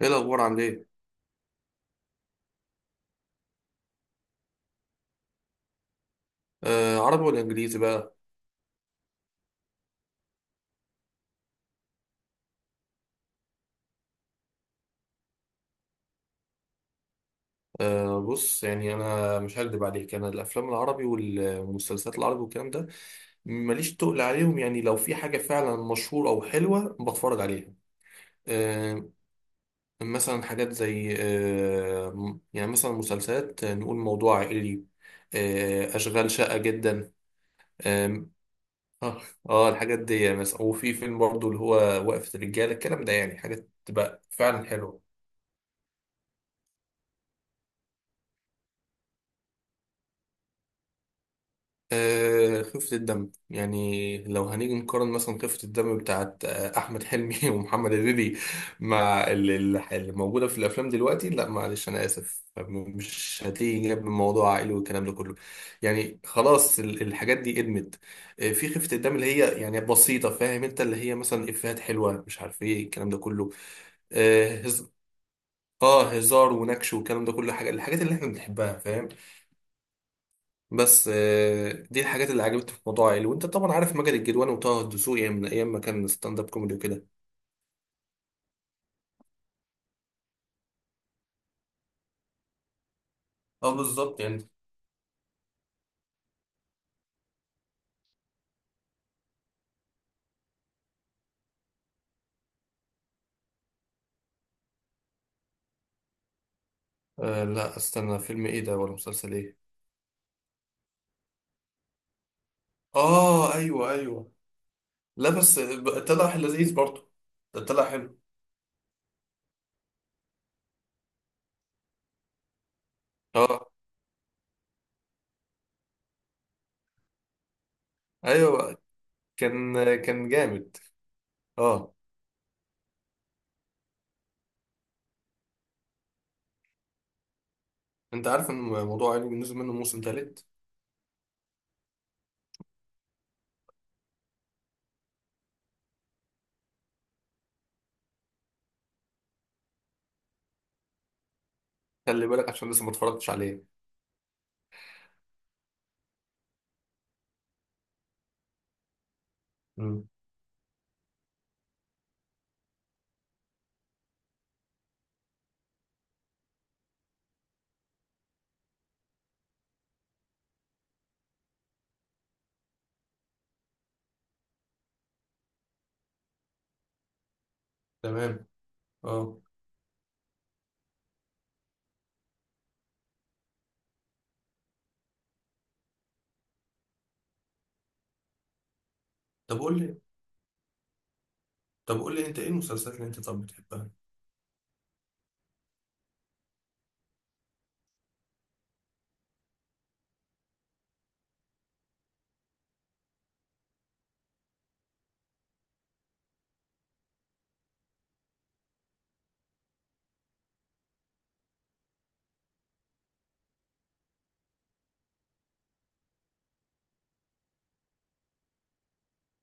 ايه الاخبار؟ عامل ايه؟ آه، عربي ولا انجليزي بقى؟ آه، بص، يعني انا مش هكدب عليك، انا الافلام العربي والمسلسلات العربي والكلام ده ماليش تقل عليهم، يعني لو في حاجه فعلا مشهوره او حلوه بتفرج عليها. آه. مثلا حاجات زي يعني مثلا مسلسلات، نقول موضوع عائلي. آه، اشغال شاقه جدا. آه. اه. الحاجات دي مثلا، وفي فيلم برضو اللي هو وقفة الرجالة الكلام ده، يعني حاجات تبقى فعلا حلوة. خفة الدم، يعني لو هنيجي نقارن مثلا خفة الدم بتاعت أحمد حلمي ومحمد هنيدي مع اللي موجودة في الأفلام دلوقتي، لا معلش، أنا آسف، مش هتيجي جنب موضوع عائلي والكلام ده كله. يعني خلاص، الحاجات دي قدمت. في خفة الدم اللي هي يعني بسيطة، فاهم أنت، اللي هي مثلا إفيهات حلوة، مش عارف إيه الكلام ده كله. آه هز- هزار ونكش والكلام ده كله، حاجة، الحاجات اللي إحنا بنحبها، فاهم؟ بس دي الحاجات اللي عجبتني في موضوع عيل، وانت طبعا عارف مجد الجدوان وطه الدسوقي، يعني من ايام ما كان ستاند اب كوميدي وكده. اه، بالظبط يعني. آه، لا، استنى، فيلم ايه ده ولا مسلسل ايه؟ اه، ايوه، ايوه. لا، بس طلع لذيذ برضه. ده طلع حلو. اه. ايوه كان كان جامد. اه. انت عارف ان موضوع عيل نزل منه موسم تالت؟ خلي بالك عشان لسه ما اتفرجتش عليه. امم. تمام. اه، طب قول لي، انت ايه المسلسلات اللي انت طب بتحبها؟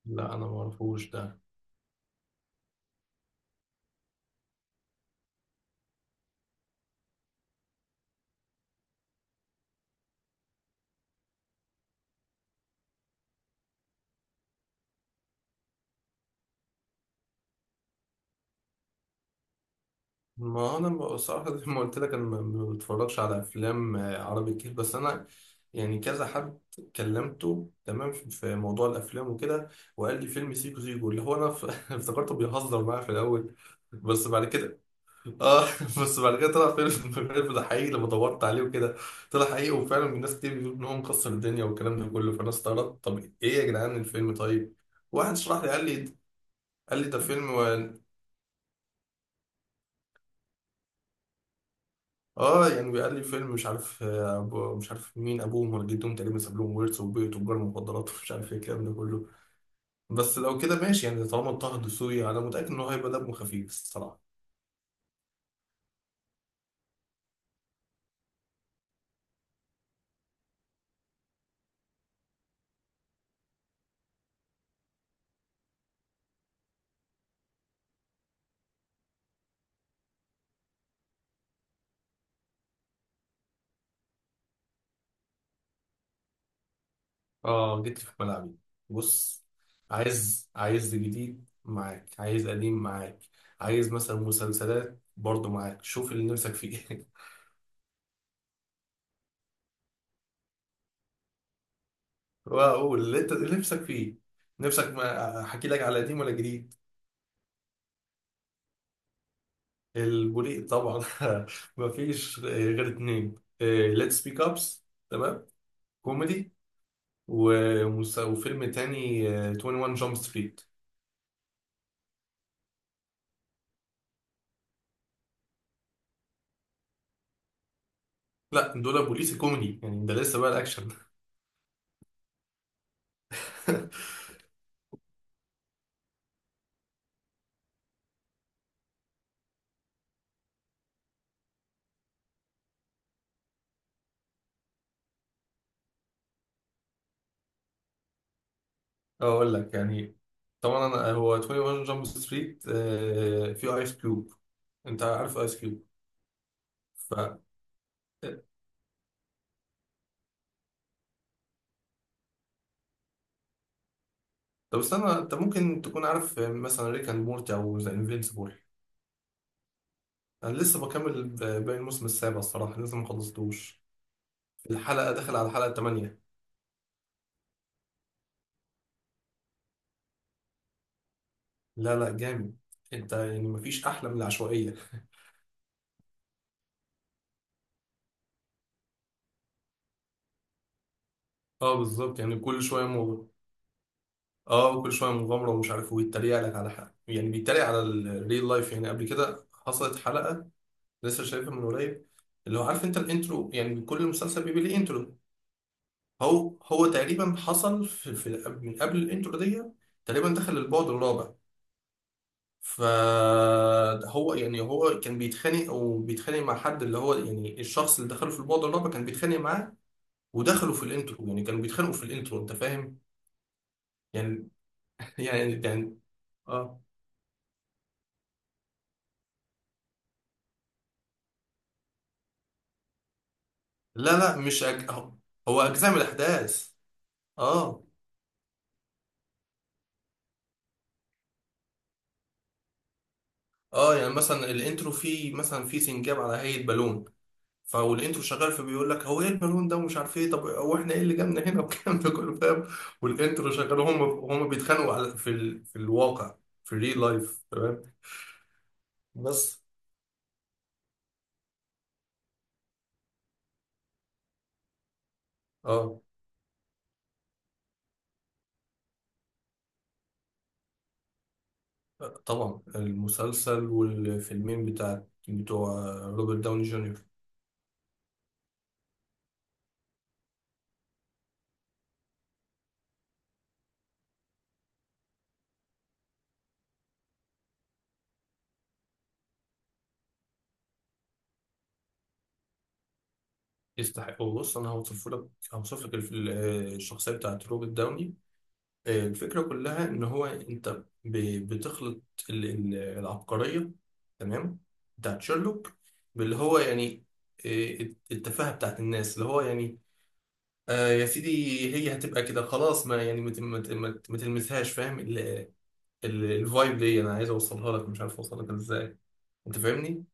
لا، انا ما اعرفوش ده. ما انا بصراحه، زي ما قلت لك، انا ما بتفرجش على افلام عربي كتير، بس انا يعني كذا حد كلمته، تمام، في موضوع الافلام وكده، وقال لي فيلم سيكو سيكو، اللي هو انا افتكرته بيهزر معايا في الاول. بس بعد كده، اه، بس بعد كده طلع فيلم فيلم ده حقيقي لما دورت عليه وكده، طلع حقيقي وفعلا الناس كتير بيقولوا ان هو مكسر الدنيا والكلام ده كله، فانا استغربت، طب ايه يا جدعان الفيلم؟ طيب، واحد شرح لي قال لي، قال لي ده فيلم، اه، يعني بيقال لي فيلم مش عارف أبو مش عارف مين، ابوهم ولا جدهم تقريبا ساب لهم ورث وبيت وتجار مخدرات ومش عارف ايه الكلام ده كله، بس لو كده ماشي، يعني طالما طه دسوقي انا متاكد ان هو هيبقى دمه خفيف الصراحه. اه، جيت لي في ملعبي. بص، عايز جديد معاك، عايز قديم معاك، عايز مثلا مسلسلات برضه معاك، شوف اللي نفسك فيه واقول اللي انت اللي نفسك فيه، نفسك ما احكي لك على قديم ولا جديد؟ البوليق طبعا مفيش غير اتنين، ليتس سبيك ابس، تمام، كوميدي، وفيلم تاني 21 جامب ستريت. لا، دول بوليس كوميدي يعني، ده لسه بقى الاكشن اقول لك يعني، طبعا أنا، هو 21 جامب ستريت فيه ايس كيوب، انت عارف ايس كيوب؟ ف آه، طب استنى، انت ممكن تكون عارف مثلا ريك اند مورتي او ذا انفينسيبل؟ انا لسه بكمل باقي الموسم السابع، الصراحه لسه ما خلصتوش، الحلقة داخل على الحلقة التمانية. لا، لا، جامد، انت يعني مفيش احلى من العشوائية اه، بالظبط يعني، كل شوية اه، كل شوية مغامرة ومش عارف ويتريق لك على حاجة، يعني بيتريق على الريل لايف، يعني قبل كده حصلت حلقة لسه شايفها من قريب، اللي هو عارف انت الانترو؟ يعني كل مسلسل بيبقى ليه انترو، هو تقريبا حصل في من قبل الانترو دي، تقريبا دخل البعد الرابع، فهو يعني هو كان بيتخانق وبيتخانق مع حد، اللي هو يعني الشخص اللي دخله في البعد الرابع كان بيتخانق معاه، ودخلوا في الانترو، يعني كانوا بيتخانقوا في الانترو، انت فاهم؟ يعني يعني. اه. لا، لا، مش هو، هو اجزاء من الاحداث. اه. اه، يعني مثلا الانترو فيه، مثلا فيه سنجاب على هيئة بالون، فالانترو شغال فبيقول لك هو ايه البالون ده، ومش عارف ايه، طب هو احنا ايه اللي جابنا هنا والكلام ده كله، فاهم؟ والانترو شغال، هم بيتخانقوا على في الواقع، في الريل لايف. بس. اه، طبعا المسلسل والفيلمين بتوع روبرت داوني جونيور. يستحقوا، بص، انا هوصف لك الشخصيه بتاعت روبرت داوني، الفكره كلها ان هو انت بتخلط العبقريه، تمام، بتاعت شيرلوك، باللي هو يعني، آه، التفاهه بتاعت الناس، اللي هو يعني، آه يا سيدي، هي هتبقى كده خلاص، ما يعني ما تلمسهاش، فاهم؟ الفايب دي انا عايز اوصلها لك، مش عارف اوصلها لك ازاي، انت فاهمني.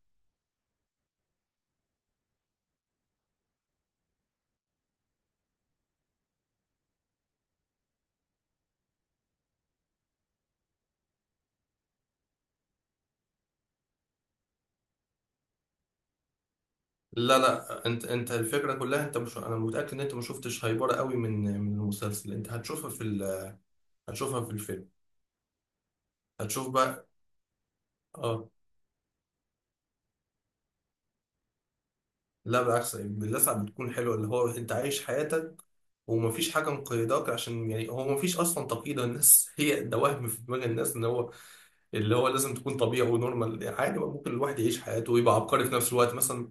لا، لا، انت الفكره كلها، انت مش، انا متاكد ان انت ما شفتش هايبره قوي من المسلسل، انت هتشوفها هتشوفها في الفيلم، هتشوف بقى. اه. لا بالعكس، باللسعة بتكون حلوه، اللي هو انت عايش حياتك ومفيش حاجه مقيداك، عشان يعني هو مفيش اصلا تقييد الناس هي ده، وهم في دماغ الناس ان هو اللي هو لازم تكون طبيعي ونورمال، يعني عادي، ممكن الواحد يعيش حياته ويبقى عبقري في نفس الوقت مثلا،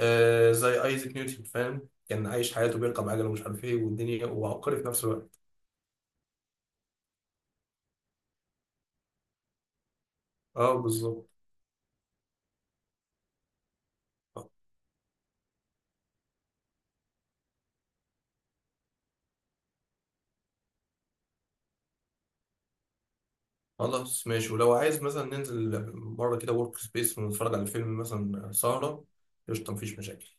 زي ايزاك نيوتن، فاهم، كان عايش حياته بيركب عجله ومش عارف ايه والدنيا، وعبقري في نفس الوقت. اه، بالظبط. خلاص ماشي، ولو عايز مثلا ننزل مره كده ورك سبيس ونتفرج على فيلم مثلا سهره، قشطه، مفيش مشاكل.